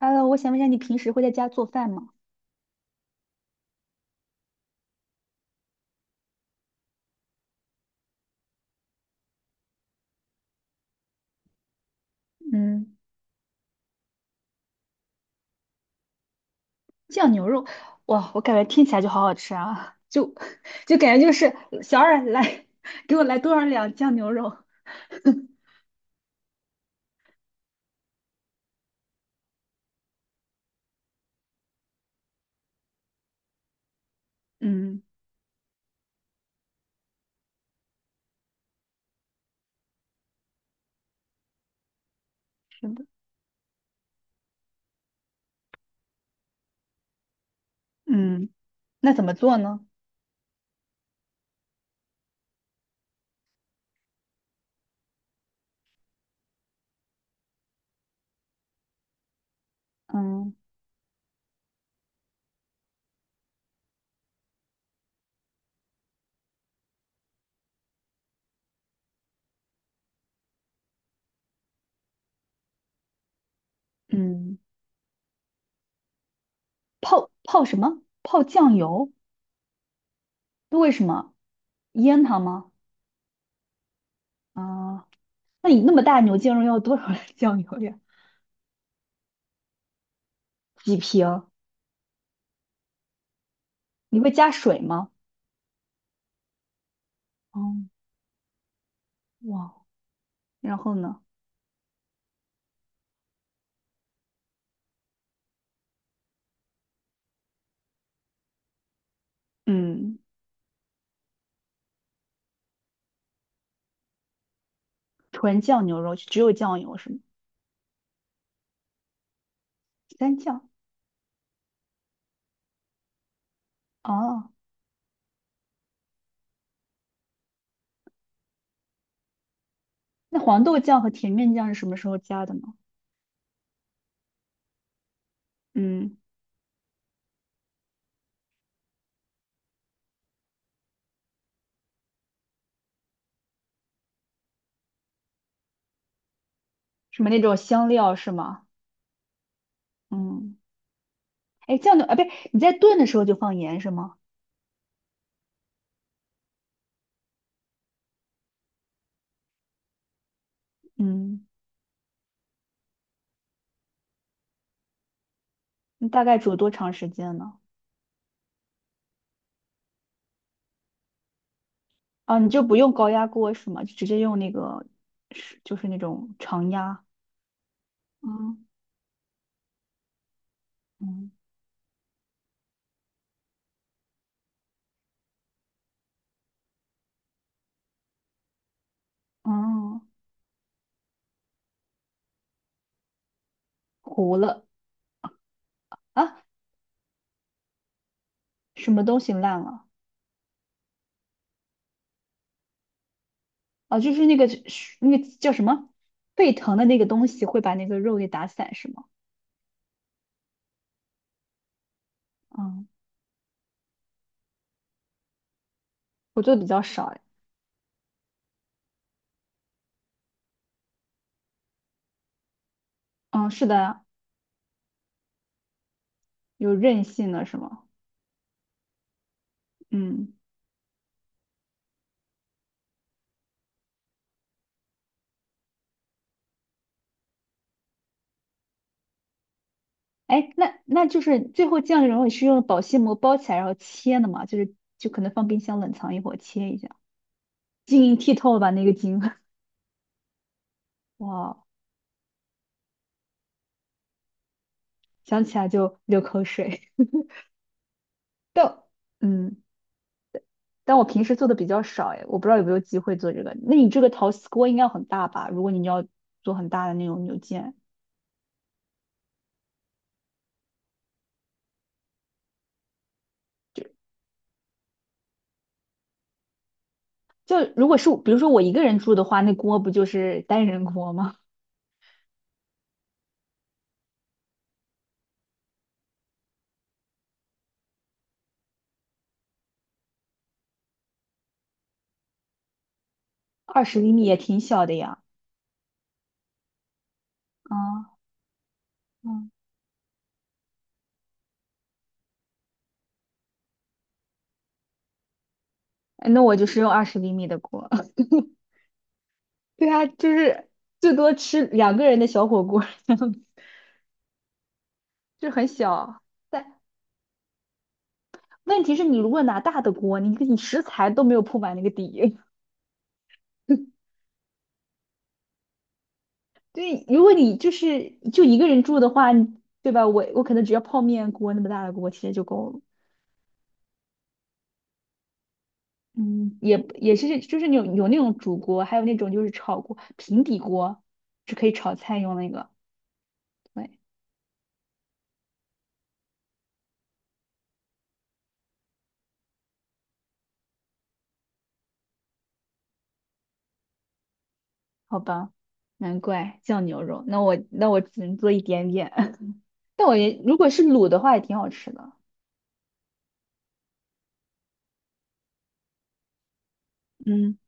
Hello，我想问一下，你平时会在家做饭吗？嗯，酱牛肉，哇，我感觉听起来就好好吃啊，就 就感觉就是小二来 给我来多少两酱牛肉。嗯，是的，嗯，那怎么做呢？嗯嗯，泡什么？泡酱油？那为什么？腌它吗？啊，那你那么大牛腱肉要多少的 酱油呀？几瓶？你会加水吗？哦，哇，然后呢？嗯，纯酱牛肉，只有酱油是吗？三酱哦，那黄豆酱和甜面酱是什么时候加的呢？嗯，什么那种香料是吗？嗯，哎，酱的啊，不对，你在炖的时候就放盐是吗？嗯，你大概煮多长时间呢？啊，你就不用高压锅是吗？就直接用那个是就是那种常压。嗯嗯哦，糊了啊，什么东西烂了？啊，就是那个是那个叫什么沸腾的那个东西会把那个肉给打散是吗？嗯，我做的比较少哎。嗯，是的，有韧性的是吗？嗯，哎，那就是最后酱这种是用保鲜膜包起来然后切的嘛，就是就可能放冰箱冷藏一会儿切一下，晶莹剔透吧那个晶，哇，想起来就流口水。但嗯，但我平时做的比较少哎，我不知道有没有机会做这个。那你这个陶瓷锅应该很大吧？如果你要做很大的那种牛腱，就就如果是比如说我一个人住的话，那锅不就是单人锅吗？二十厘米也挺小的呀。啊。嗯。哎那我就是用二十厘米的锅。对啊，就是最多吃两个人的小火锅，就很小。但问题是你如果拿大的锅，你食材都没有铺满那个底。对，如果你就是就一个人住的话，你对吧？我可能只要泡面锅那么大的锅，其实就够了。嗯，也是就是有那种煮锅，还有那种就是炒锅，平底锅是可以炒菜用那个。对，好吧，难怪酱牛肉。那我只能做一点点。但我也如果是卤的话，也挺好吃的。嗯，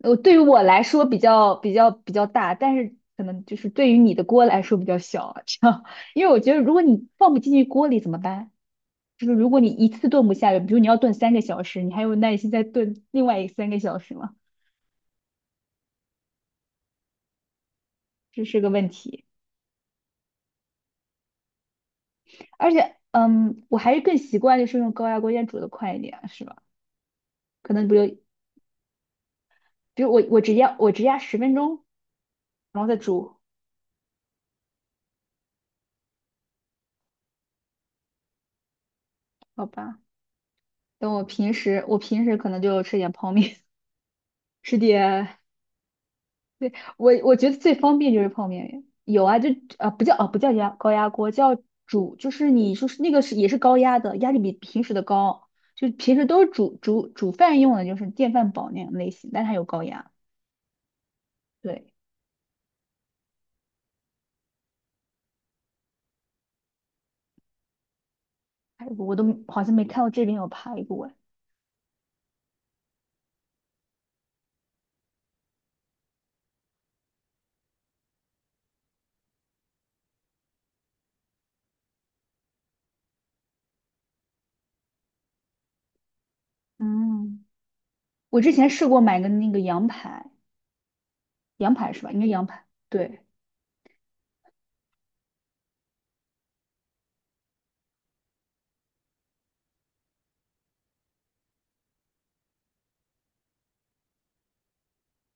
对于我来说比较大，但是可能就是对于你的锅来说比较小啊，这样。因为我觉得如果你放不进去锅里怎么办？就是如果你一次炖不下来，比如你要炖三个小时，你还有耐心再炖另外三个小时吗？这是个问题。而且，我还是更习惯就是用高压锅先煮的快一点啊，是吧？可能比如我只压10分钟，然后再煮，好吧？等我平时可能就吃点泡面，吃点，对，我觉得最方便就是泡面。有啊，就啊不叫压高压锅，叫煮，就是你说是那个是也是高压的，压力比平时的高，就平时都是煮饭用的，就是电饭煲那种类型，但它有高压。对，排骨我都好像没看到这边有排骨哎。嗯，我之前试过买个那个羊排，羊排是吧？应该羊排。对。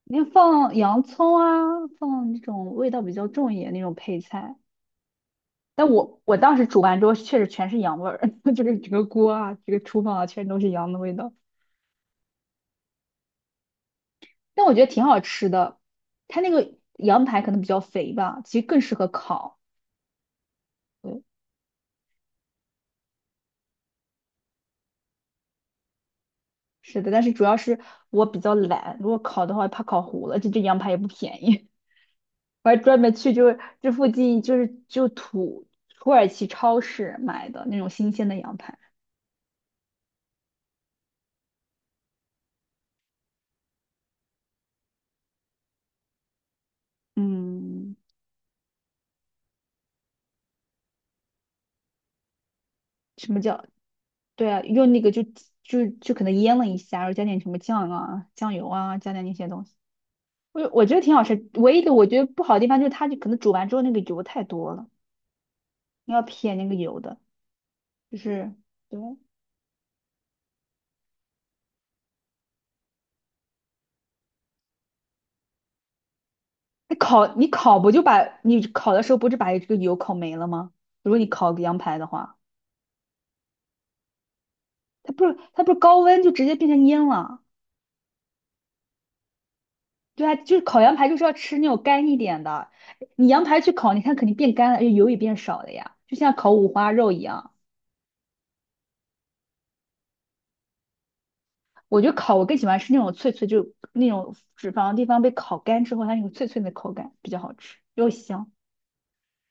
你放洋葱啊，放那种味道比较重一点那种配菜。但我当时煮完之后，确实全是羊味儿，就是整个锅啊，这个厨房啊，全都是羊的味道。但我觉得挺好吃的，它那个羊排可能比较肥吧，其实更适合烤。对，是的，但是主要是我比较懒，如果烤的话怕烤糊了，这羊排也不便宜。我还专门去就是这附近就是就耳其超市买的那种新鲜的羊排。嗯，什么叫？对啊，用那个就可能腌了一下，然后加点什么酱啊、酱油啊，加点那些东西。我觉得挺好吃，唯一的我觉得不好的地方就是它就可能煮完之后那个油太多了，你要撇那个油的，就是对。那烤你烤不就把你烤的时候不是把这个油烤没了吗？如果你烤个羊排的话，它不是高温就直接变成烟了。对啊，就是烤羊排就是要吃那种干一点的，你羊排去烤，你看肯定变干了，而且油也变少了呀，就像烤五花肉一样。我觉得烤我更喜欢吃那种脆脆，就那种脂肪的地方被烤干之后，它那种脆脆的口感比较好吃，又香。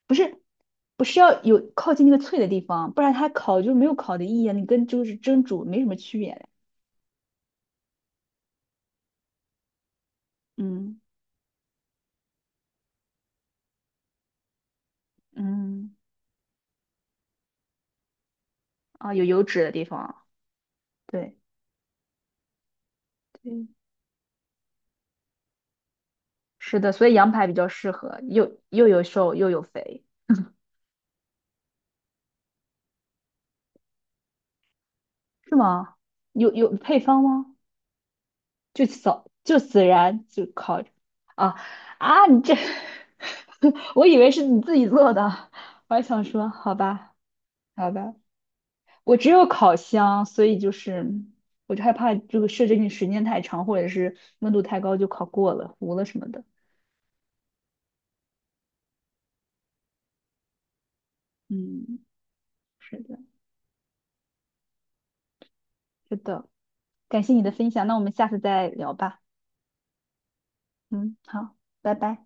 不是，不是要有靠近那个脆的地方，不然它烤就没有烤的意义啊你跟就是蒸煮没什么区别嘞。嗯嗯，啊，有油脂的地方，对对，是的，所以羊排比较适合，又有瘦又有肥，是吗？有配方吗？就扫就死然就烤啊啊！你这，我以为是你自己做的，我还想说好吧好吧，我只有烤箱，所以就是我就害怕这个设置你时间太长或者是温度太高就烤过了糊了什么的。嗯，是的，是的，感谢你的分享，那我们下次再聊吧。嗯，好，拜拜。